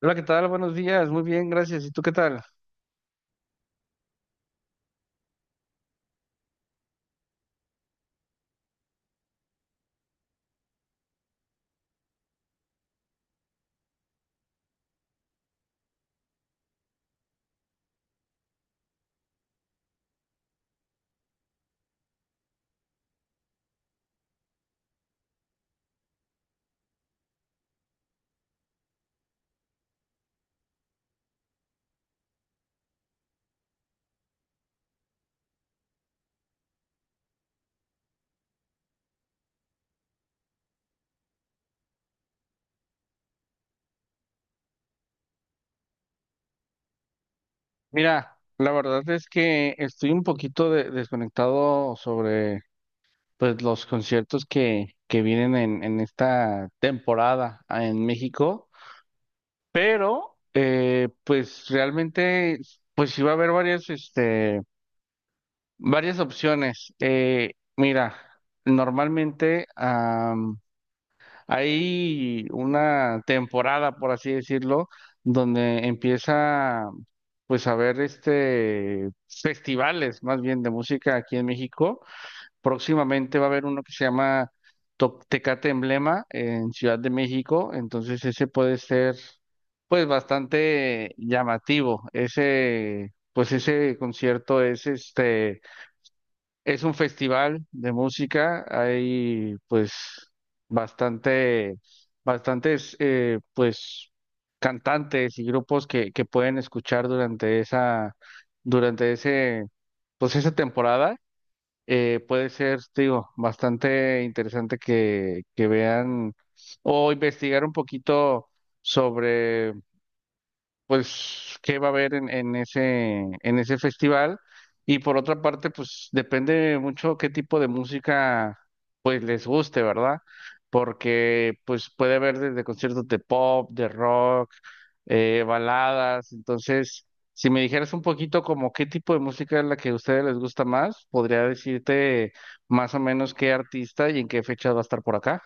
Hola, ¿qué tal? Buenos días. Muy bien, gracias. ¿Y tú qué tal? Mira, la verdad es que estoy un poquito desconectado sobre pues los conciertos que vienen en esta temporada en México, pero pues realmente pues sí va a haber varias opciones. Mira, normalmente hay una temporada, por así decirlo, donde empieza pues a ver este festivales más bien de música aquí en México. Próximamente va a haber uno que se llama Tecate Emblema en Ciudad de México, entonces ese puede ser pues bastante llamativo. Ese pues ese concierto es un festival de música, hay pues bastante, bastantes pues cantantes y grupos que pueden escuchar durante esa, durante ese, pues esa temporada. Puede ser, te digo, bastante interesante que vean o investigar un poquito sobre pues qué va a haber en ese, en ese festival. Y por otra parte, pues depende mucho qué tipo de música pues les guste, ¿verdad? Porque pues puede haber desde conciertos de pop, de rock, baladas. Entonces, si me dijeras un poquito como qué tipo de música es la que a ustedes les gusta más, podría decirte más o menos qué artista y en qué fecha va a estar por acá.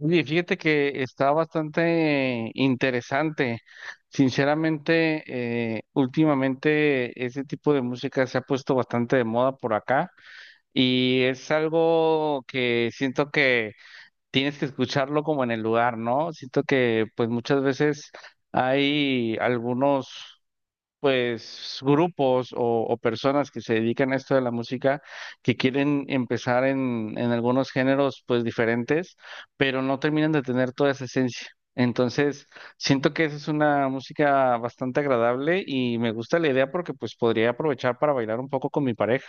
Oye, fíjate que está bastante interesante. Sinceramente, últimamente ese tipo de música se ha puesto bastante de moda por acá y es algo que siento que tienes que escucharlo como en el lugar, ¿no? Siento que pues muchas veces hay algunos pues grupos o personas que se dedican a esto de la música que quieren empezar en algunos géneros pues diferentes, pero no terminan de tener toda esa esencia. Entonces, siento que esa es una música bastante agradable y me gusta la idea porque pues podría aprovechar para bailar un poco con mi pareja.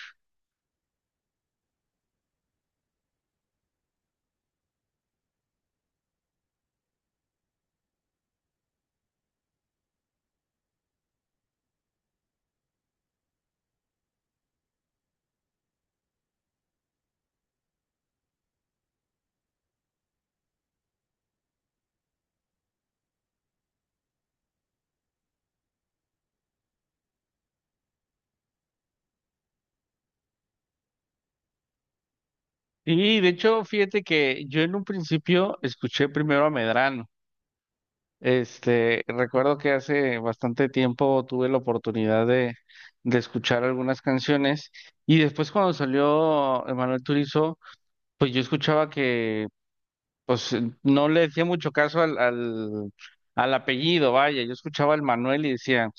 Y de hecho, fíjate que yo en un principio escuché primero a Medrano. Este, recuerdo que hace bastante tiempo tuve la oportunidad de escuchar algunas canciones y después cuando salió Emanuel Turizo, pues yo escuchaba que pues no le decía mucho caso al apellido, vaya, yo escuchaba el Manuel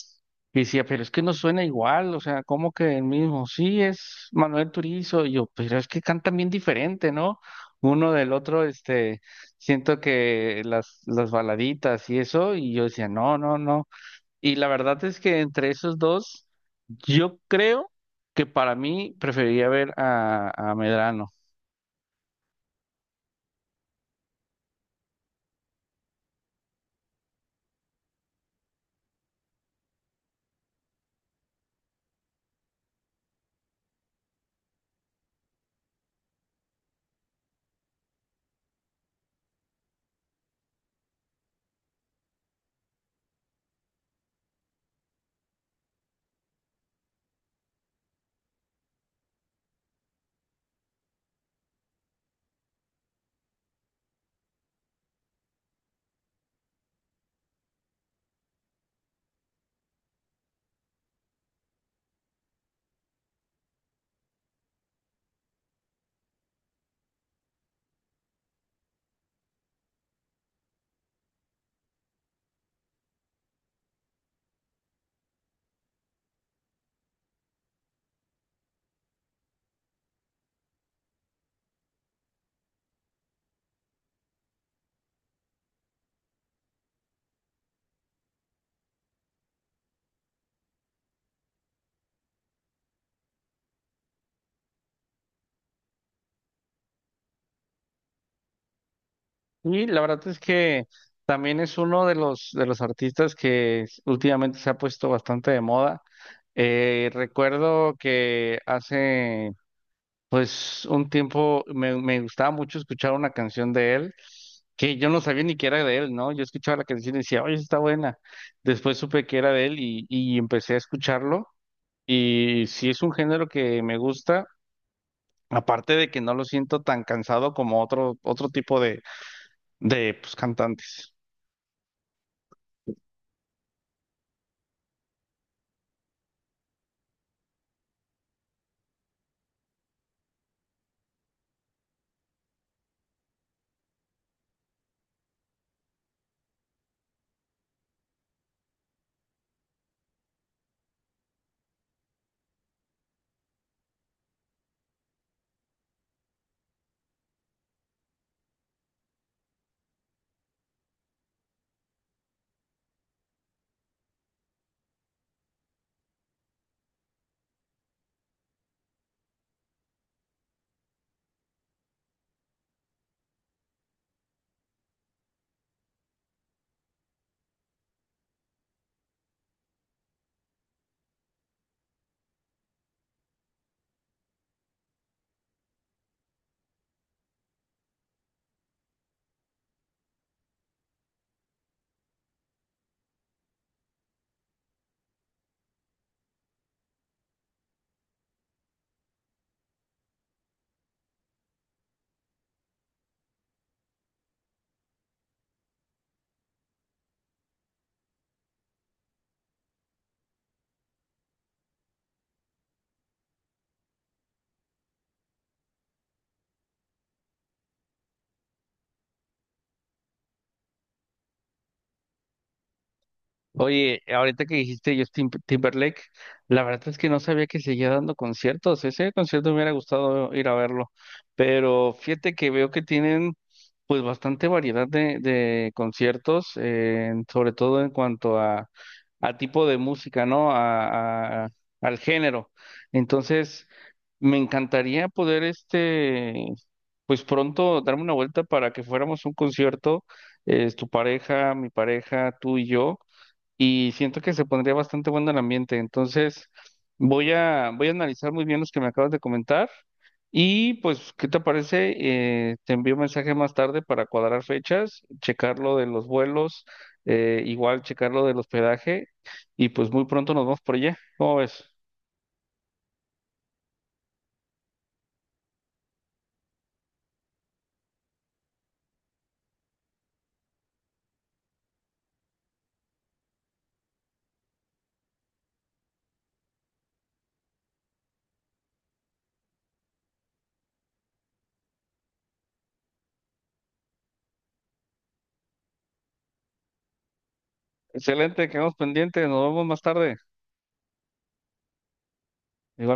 y decía, pero es que no suena igual, o sea, como que el mismo, sí, es Manuel Turizo, y yo, pero es que cantan bien diferente, ¿no? Uno del otro, este, siento que las baladitas y eso, y yo decía, no, no, no. Y la verdad es que entre esos dos, yo creo que para mí preferiría ver a Medrano. Y la verdad es que también es uno de los artistas que últimamente se ha puesto bastante de moda. Recuerdo que hace pues un tiempo me gustaba mucho escuchar una canción de él que yo no sabía ni que era de él, ¿no? Yo escuchaba la canción y decía, oye, está buena. Después supe que era de él y empecé a escucharlo y sí es un género que me gusta, aparte de que no lo siento tan cansado como otro, otro tipo de pues, cantantes. Oye, ahorita que dijiste Justin Timberlake, la verdad es que no sabía que seguía dando conciertos. Ese concierto me hubiera gustado ir a verlo, pero fíjate que veo que tienen pues bastante variedad de conciertos, sobre todo en cuanto a, tipo de música, ¿no? A, al género. Entonces, me encantaría poder este, pues pronto darme una vuelta para que fuéramos a un concierto, tu pareja, mi pareja, tú y yo y siento que se pondría bastante bueno el ambiente. Entonces, voy a analizar muy bien los que me acabas de comentar y pues, ¿qué te parece? Te envío un mensaje más tarde para cuadrar fechas, checar lo de los vuelos, igual checar lo del hospedaje y pues muy pronto nos vemos por allá. ¿Cómo ves? Excelente, quedamos pendientes, nos vemos más tarde. Igual.